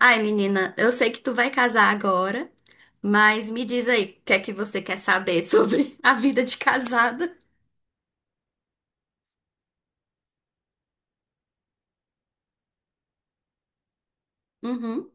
Ai, menina, eu sei que tu vai casar agora, mas me diz aí, o que é que você quer saber sobre a vida de casada? Uhum,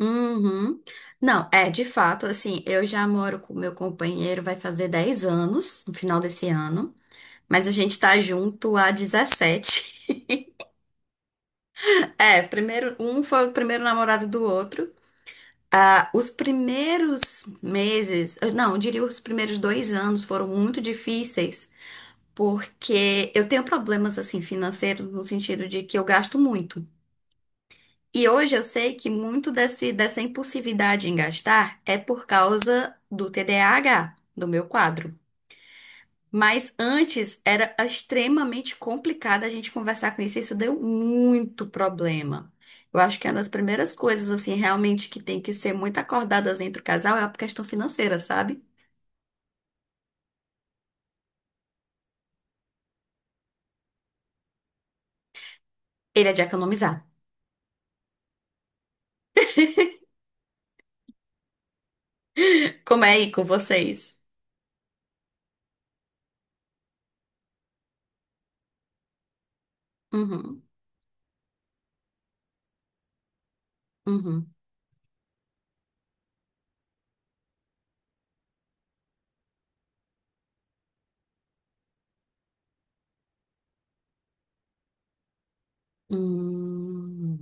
uhum. Não, é, de fato, assim, eu já moro com meu companheiro, vai fazer 10 anos no final desse ano, mas a gente tá junto há 17. É, primeiro, um foi o primeiro namorado do outro. Ah, os primeiros meses, não, eu diria os primeiros 2 anos foram muito difíceis porque eu tenho problemas assim financeiros no sentido de que eu gasto muito. E hoje eu sei que muito dessa impulsividade em gastar é por causa do TDAH, do meu quadro. Mas antes era extremamente complicado a gente conversar com isso, e isso deu muito problema. Eu acho que é uma das primeiras coisas, assim, realmente que tem que ser muito acordadas entre o casal é a questão financeira, sabe? Ele é de economizar. Como é aí com vocês? Uhum, uhum. Hum.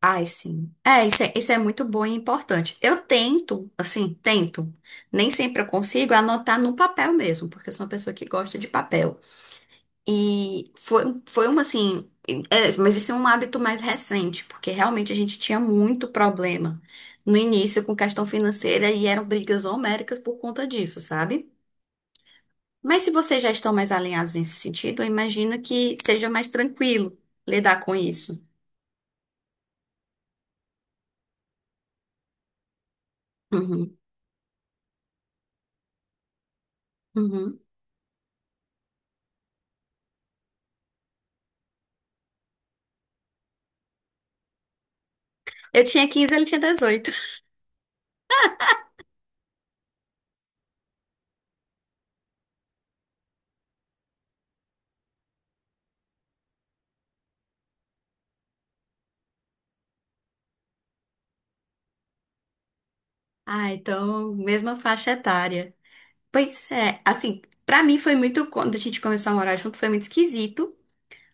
Ai, sim. É, isso é muito bom e importante. Eu tento, assim, tento. Nem sempre eu consigo anotar no papel mesmo, porque eu sou uma pessoa que gosta de papel. E foi uma, assim. É, mas isso é um hábito mais recente, porque realmente a gente tinha muito problema no início com questão financeira e eram brigas homéricas por conta disso, sabe? Mas se vocês já estão mais alinhados nesse sentido, eu imagino que seja mais tranquilo lidar com isso. Uhum, uhum. Eu tinha 15, ele tinha 18. Ah, então, mesma faixa etária. Pois é, assim, pra mim foi muito, quando a gente começou a morar junto, foi muito esquisito,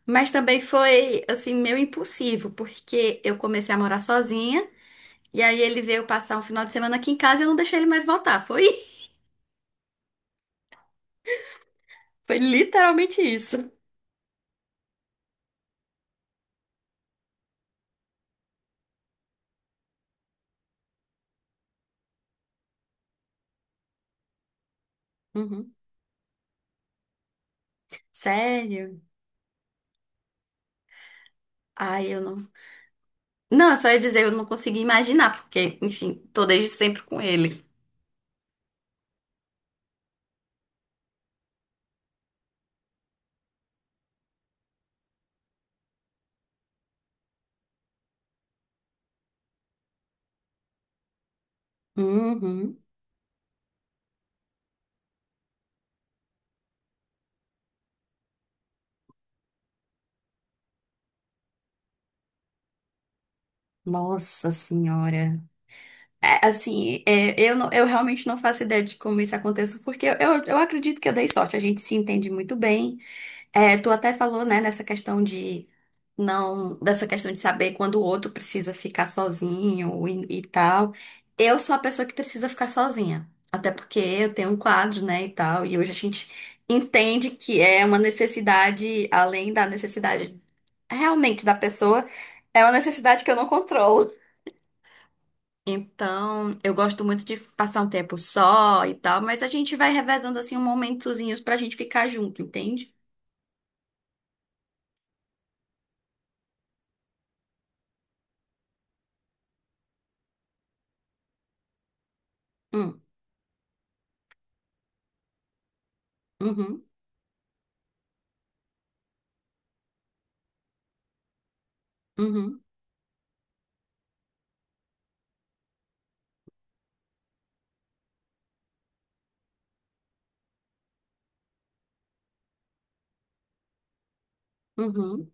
mas também foi, assim, meio impulsivo, porque eu comecei a morar sozinha, e aí ele veio passar um final de semana aqui em casa e eu não deixei ele mais voltar. Foi, foi literalmente isso. Uhum. Sério? Ai, eu não. Não, eu só ia dizer, eu não consegui imaginar, porque, enfim, tô desde sempre com ele. Uhum. Nossa Senhora. É, assim, é, não- eu realmente não faço ideia de como isso aconteceu, porque acredito que eu dei sorte, a gente se entende muito bem. É, tu até falou, né, nessa questão de não, dessa questão de saber quando o outro precisa ficar sozinho e tal. Eu sou a pessoa que precisa ficar sozinha, até porque eu tenho um quadro, né, e tal, e hoje a gente entende que é uma necessidade, além da necessidade realmente da pessoa, é uma necessidade que eu não controlo. Então, eu gosto muito de passar um tempo só e tal, mas a gente vai revezando assim um momentozinhos pra gente ficar junto, entende? Hum, uhum, uhum, uhum,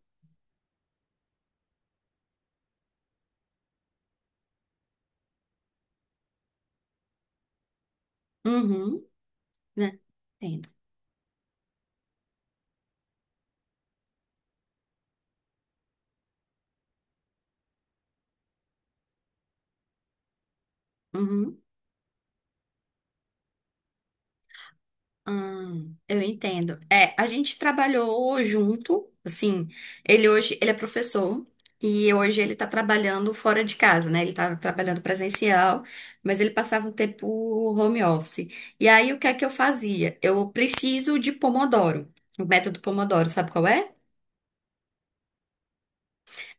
uhum, né? Entendo. Uhum. Eu entendo. É, a gente trabalhou junto, assim, ele é professor e hoje ele tá trabalhando fora de casa, né? Ele tá trabalhando presencial, mas ele passava um tempo home office. E aí o que é que eu fazia? Eu preciso de Pomodoro, o método Pomodoro, sabe qual é?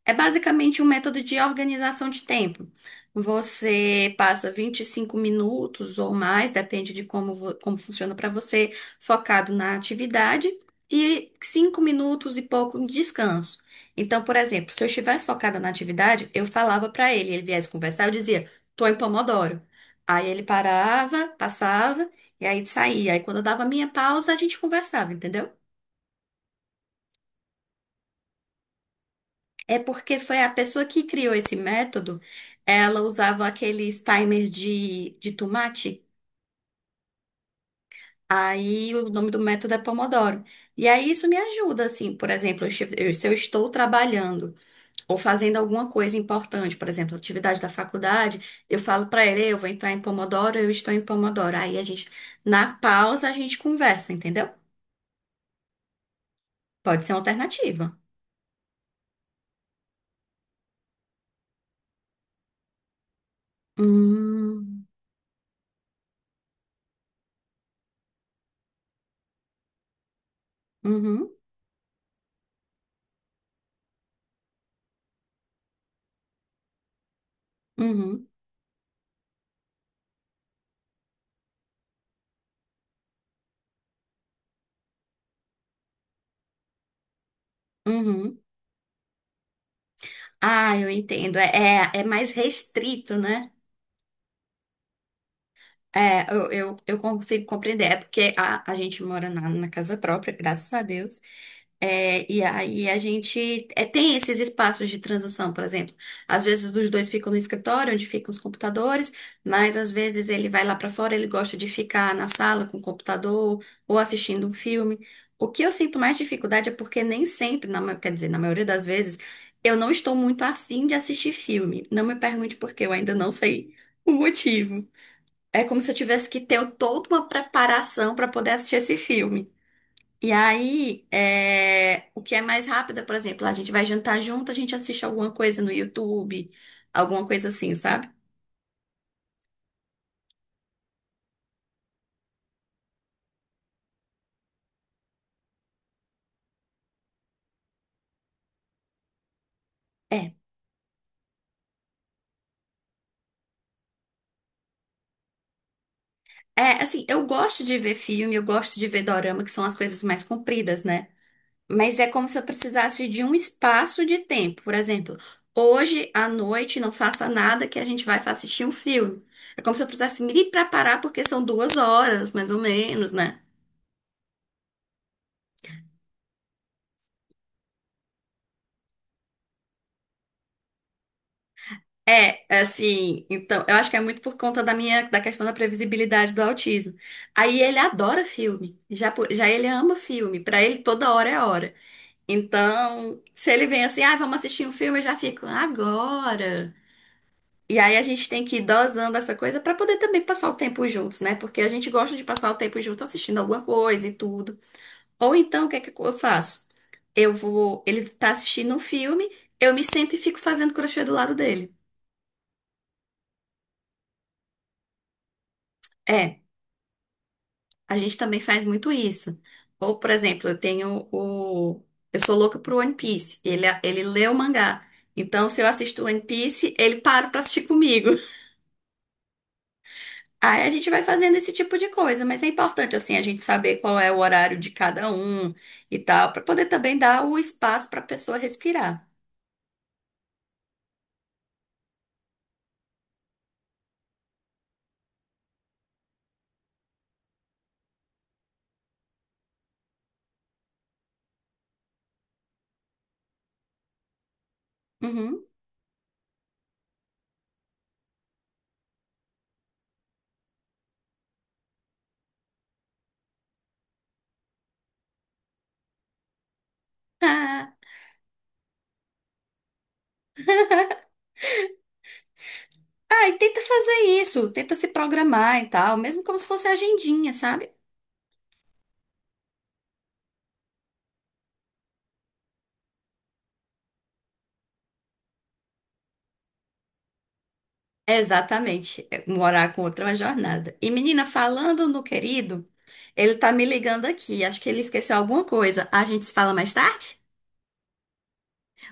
É basicamente um método de organização de tempo. Você passa 25 minutos ou mais, depende de como, como funciona para você, focado na atividade, e 5 minutos e pouco de descanso. Então, por exemplo, se eu estivesse focada na atividade, eu falava para ele, ele viesse conversar, eu dizia, tô em Pomodoro. Aí ele parava, passava, e aí saía. Aí quando eu dava a minha pausa, a gente conversava, entendeu? É porque foi a pessoa que criou esse método, ela usava aqueles timers de tomate, aí o nome do método é Pomodoro. E aí isso me ajuda, assim, por exemplo, se eu estou trabalhando ou fazendo alguma coisa importante, por exemplo, atividade da faculdade, eu falo para ele, eu vou entrar em Pomodoro, eu estou em Pomodoro. Aí a gente, na pausa, a gente conversa, entendeu? Pode ser uma alternativa. Hum, uhum, uhum, uhum. Ah, eu entendo. É, é mais restrito, né? É, eu consigo compreender. É porque a gente mora na casa própria, graças a Deus. É, e aí a gente é, tem esses espaços de transição, por exemplo. Às vezes os dois ficam no escritório, onde ficam os computadores, mas às vezes ele vai lá pra fora, ele gosta de ficar na sala com o computador ou assistindo um filme. O que eu sinto mais dificuldade é porque nem sempre, quer dizer, na maioria das vezes, eu não estou muito afim de assistir filme. Não me pergunte por quê, eu ainda não sei o motivo. É como se eu tivesse que ter toda uma preparação para poder assistir esse filme. E aí, é, o que é mais rápido, é, por exemplo, a gente vai jantar junto, a gente assiste alguma coisa no YouTube, alguma coisa assim, sabe? É. É, assim, eu gosto de ver filme, eu gosto de ver dorama, que são as coisas mais compridas, né? Mas é como se eu precisasse de um espaço de tempo. Por exemplo, hoje à noite não faça nada que a gente vai assistir um filme. É como se eu precisasse me preparar, porque são 2 horas, mais ou menos, né? É, assim, então, eu acho que é muito por conta da minha, da questão da previsibilidade do autismo. Aí ele adora filme, já, já ele ama filme, pra ele toda hora é hora. Então, se ele vem assim, ah, vamos assistir um filme, eu já fico, agora. E aí a gente tem que ir dosando essa coisa pra poder também passar o tempo juntos, né? Porque a gente gosta de passar o tempo junto assistindo alguma coisa e tudo. Ou então, o que é que eu faço? Eu vou, ele tá assistindo um filme, eu me sento e fico fazendo crochê do lado dele. É. A gente também faz muito isso. Ou, por exemplo, eu tenho o. Eu sou louca pro One Piece. Ele lê o mangá. Então, se eu assisto One Piece, ele para pra assistir comigo. Aí a gente vai fazendo esse tipo de coisa, mas é importante, assim, a gente saber qual é o horário de cada um e tal, pra poder também dar o espaço pra pessoa respirar. Uhum. Ah, Ah, e tenta fazer isso, tenta se programar e tal, mesmo como se fosse agendinha, sabe? Exatamente, é morar com outra é uma jornada. E menina, falando no querido, ele tá me ligando aqui, acho que ele esqueceu alguma coisa. A gente se fala mais tarde?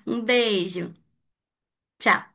Um beijo, tchau.